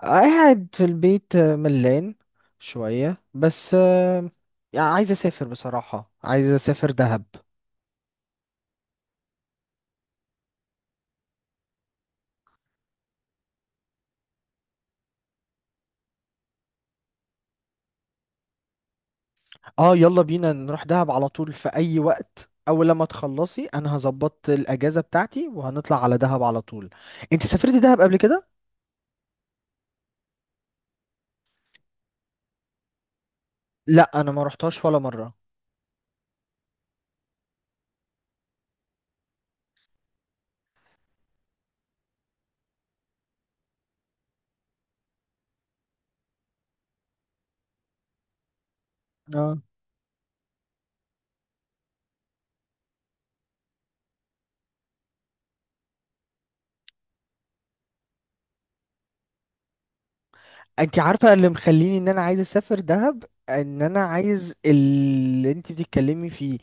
قاعد في البيت، ملان شوية بس. يعني عايز اسافر، بصراحة عايز اسافر دهب. اه، يلا بينا نروح دهب على طول في اي وقت، اول لما تخلصي انا هظبط الاجازة بتاعتي وهنطلع على دهب على طول. انت سافرتي دهب قبل كده؟ لا، انا ما رحتهاش ولا مرة. انت عارفه اللي مخليني ان انا عايز اسافر دهب؟ ان انا عايز اللي انت بتتكلمي فيه،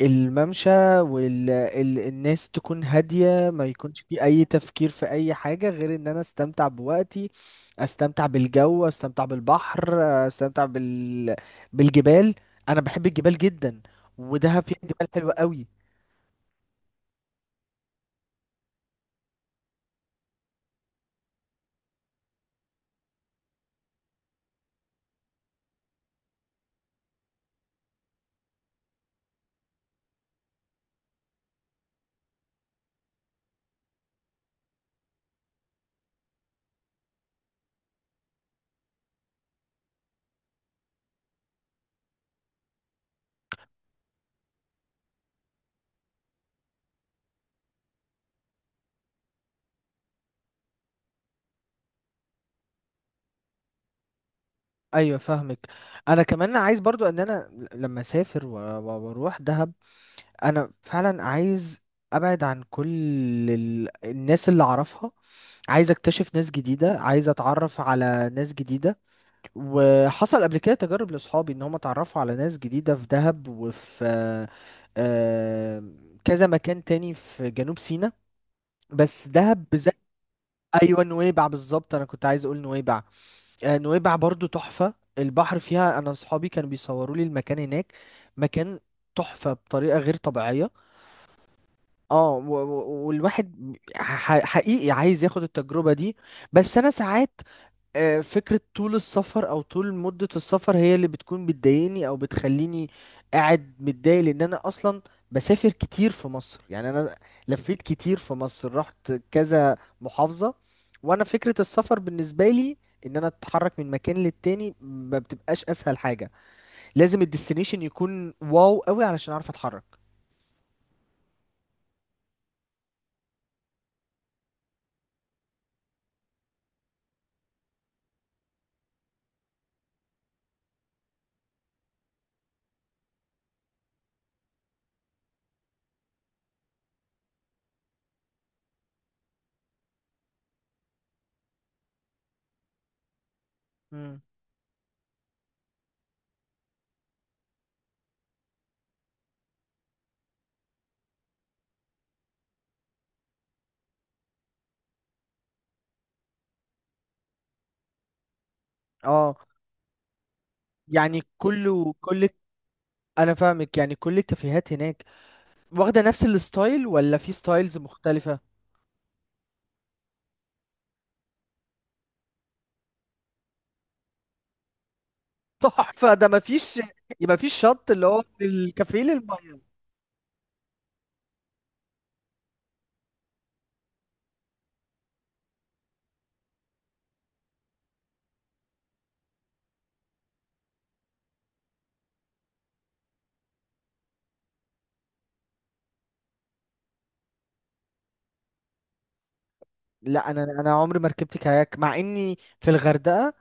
الممشى. والناس تكون هاديه، ما يكونش فيه اي تفكير في اي حاجه غير ان انا استمتع بوقتي. استمتع بالجو، استمتع بالبحر، استمتع بالجبال. انا بحب الجبال جدا، ودهب فيها جبال حلوه قوي. ايوه فاهمك. انا كمان عايز برضو ان انا لما اسافر و- و- واروح دهب، انا فعلا عايز ابعد عن كل الناس اللي اعرفها. عايز اكتشف ناس جديدة، عايز اتعرف على ناس جديدة. وحصل قبل كده تجارب لاصحابي ان هم اتعرفوا على ناس جديدة في دهب وفي آه، كذا مكان تاني في جنوب سيناء، بس دهب بالذات. ايوه نويبع بالظبط، انا كنت عايز اقول نويبع. نويبع برضو تحفة، البحر فيها، انا اصحابي كانوا بيصوروا لي المكان هناك، مكان تحفة بطريقة غير طبيعية. اه و- و- والواحد حقيقي عايز ياخد التجربة دي. بس انا ساعات فكرة طول السفر او طول مدة السفر هي اللي بتكون بتضايقني او بتخليني قاعد متضايق، لان انا اصلا بسافر كتير في مصر. يعني انا لفيت كتير في مصر، رحت كذا محافظة. وانا فكرة السفر بالنسبة لي ان انا اتحرك من مكان للتاني ما بتبقاش اسهل حاجة، لازم الديستنيشن يكون واو قوي علشان اعرف اتحرك. مم. اه، يعني كل انا فاهمك، يعني كل الكافيهات هناك واخده نفس الستايل ولا في ستايلز مختلفه؟ تحفه ده، مفيش. يبقى مفيش شط اللي هو من الكافيه للميه. لا، انا عمري ما ركبت كاياك مع اني في الغردقه.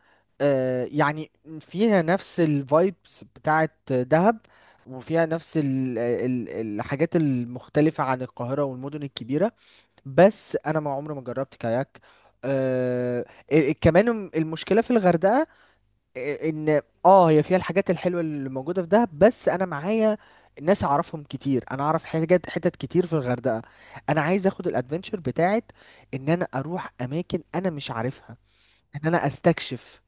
آه يعني فيها نفس الفايبس بتاعه دهب، وفيها نفس ال الحاجات المختلفه عن القاهره والمدن الكبيره. بس انا ما عمري ما جربت كاياك. آه كمان المشكله في الغردقه، ان اه هي فيها الحاجات الحلوه اللي موجوده في دهب، بس انا معايا ناس اعرفهم كتير، انا اعرف حاجات حتت كتير في الغردقه. انا عايز اخد الادفنتشر بتاعت ان انا اروح اماكن انا مش عارفها، ان انا استكشف.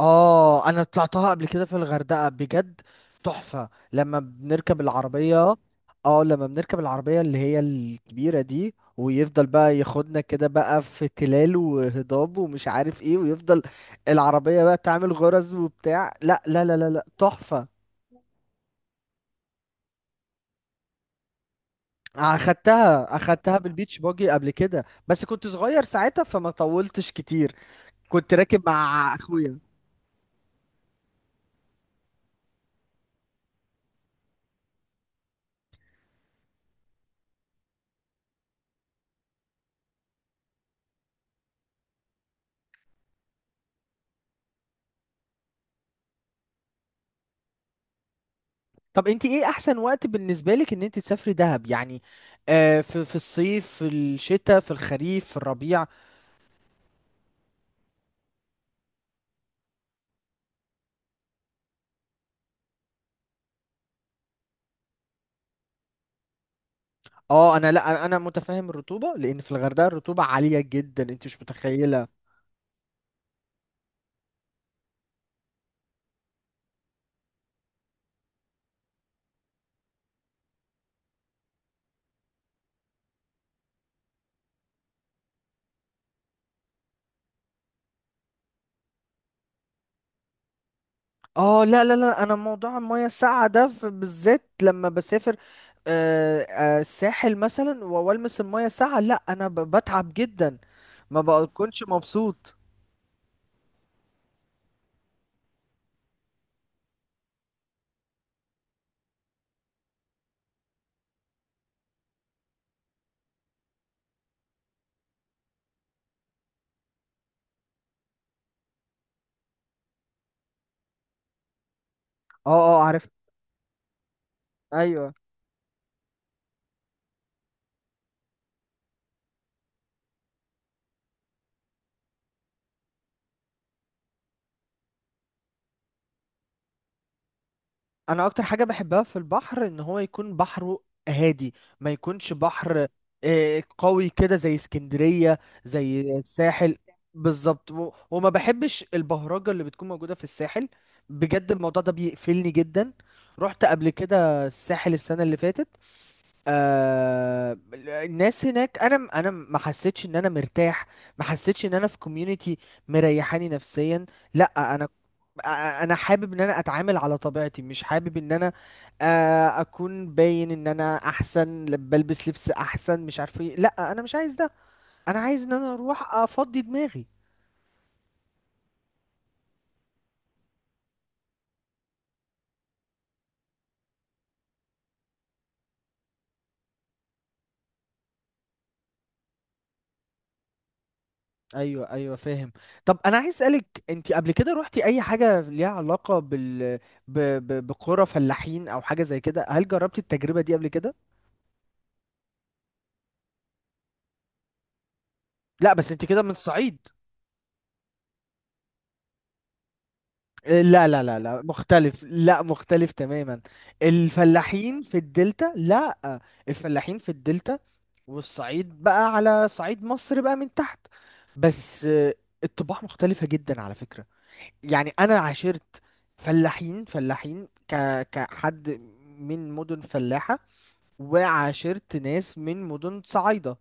اه انا طلعتها قبل كده في الغردقة بجد، تحفة لما بنركب العربية. اه لما بنركب العربية اللي هي الكبيرة دي، ويفضل بقى ياخدنا كده بقى في تلال وهضاب ومش عارف ايه، ويفضل العربية بقى تعمل غرز وبتاع، لا لا لا لا لا، تحفة. اخدتها اخدتها بالبيتش باجي قبل كده، بس كنت صغير ساعتها فما طولتش كتير، كنت راكب مع اخويا. طب انت ايه احسن وقت بالنسبه لك ان انت تسافري دهب يعني؟ في الصيف، في الشتاء، في الخريف، في الربيع؟ اه انا، لا انا متفاهم الرطوبه، لان في الغردقه الرطوبه عاليه جدا انت مش متخيله. اه لا لا لا، انا موضوع المياه الساقعه ده بالذات لما بسافر الساحل مثلا و- والمس المياه الساقعه، لا انا بتعب جدا، ما بكونش مبسوط. اه. اه عارف. ايوه، انا اكتر حاجه بحبها في البحر ان هو يكون بحره هادي، ما يكونش بحر قوي كده زي اسكندريه، زي الساحل. بالظبط، و- وما بحبش البهرجه اللي بتكون موجوده في الساحل، بجد الموضوع ده بيقفلني جدا. رحت قبل كده الساحل السنه اللي فاتت. آه الناس هناك انا ما حسيتش ان انا مرتاح، ما حسيتش ان انا في كوميونتي مريحاني نفسيا. لا انا، آه، انا حابب ان انا اتعامل على طبيعتي، مش حابب ان انا اكون باين ان انا احسن، بلبس لبس احسن مش عارف ايه. لا انا مش عايز ده، انا عايز ان انا اروح افضي دماغي. ايوه ايوه فاهم. طب انا عايز اسالك، انت قبل كده روحتي اي حاجه ليها علاقه بال بقرى فلاحين او حاجه زي كده؟ هل جربتي التجربه دي قبل كده؟ لا بس انت كده من الصعيد. لا لا لا لا، مختلف، لا مختلف تماما. الفلاحين في الدلتا، لا. الفلاحين في الدلتا، والصعيد بقى على صعيد مصر بقى من تحت. بس الطباع مختلفة جدا على فكرة. يعني انا عاشرت فلاحين، فلاحين كحد من مدن فلاحة، وعاشرت ناس من مدن صعايدة.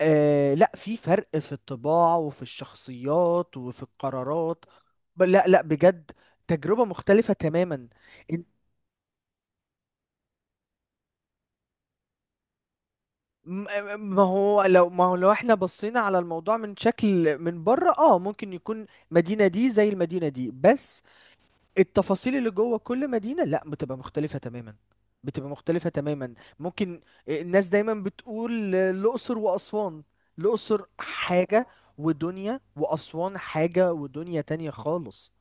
آه لا، في فرق في الطباع وفي الشخصيات وفي القرارات. لا لا بجد، تجربة مختلفة تماما. إن- م- ما هو لو احنا بصينا على الموضوع من شكل من بره اه ممكن يكون مدينة دي زي المدينة دي. بس التفاصيل اللي جوه كل مدينة لا، بتبقى مختلفة تماما، بتبقى مختلفة تماما. ممكن الناس دايما بتقول الأقصر وأسوان، الأقصر حاجة ودنيا، وأسوان حاجة ودنيا تانية خالص.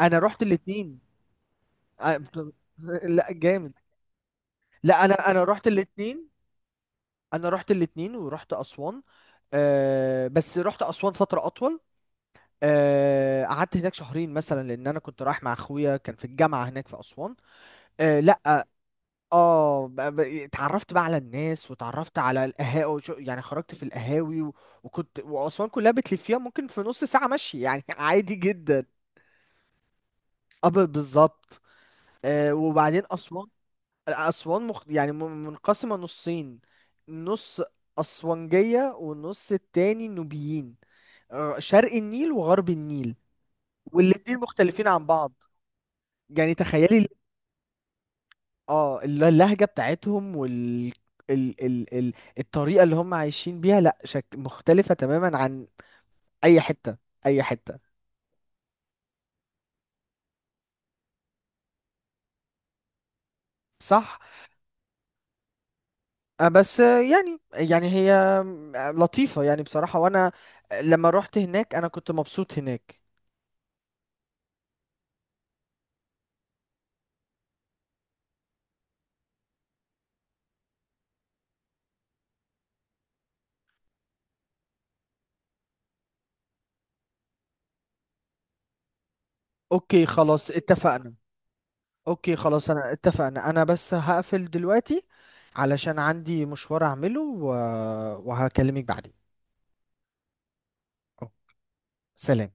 أنا رحت الاتنين. أ- لا جامد. لا أنا رحت الاتنين. أنا رحت الاتنين ورحت أسوان. أه بس رحت أسوان فترة أطول. قعدت هناك شهرين مثلا، لان انا كنت رايح مع اخويا كان في الجامعه هناك في اسوان. لا. اه اتعرفت بقى على الناس، واتعرفت على القهاوي، يعني خرجت في القهاوي و... وكنت واسوان كلها بتلفيها ممكن في نص ساعه مشي يعني عادي جدا. اه بالظبط. آه وبعدين اسوان، اسوان منقسمه نصين، نص اسوانجيه والنص التاني نوبيين، آه شرق النيل وغرب النيل. والاتنين مختلفين عن بعض، يعني تخيلي. اه اللهجة بتاعتهم وال ال... ال... ال... الطريقة اللي هم عايشين بيها لا شك مختلفة تماما عن أي حتة، أي حتة. صح. بس يعني، يعني هي لطيفة يعني بصراحة. وأنا لما روحت هناك أنا كنت مبسوط هناك. أوكي خلاص اتفقنا. أوكي خلاص أنا اتفقنا. أنا بس هقفل دلوقتي علشان عندي مشوار أعمله وهكلمك بعدين. أوه. سلام.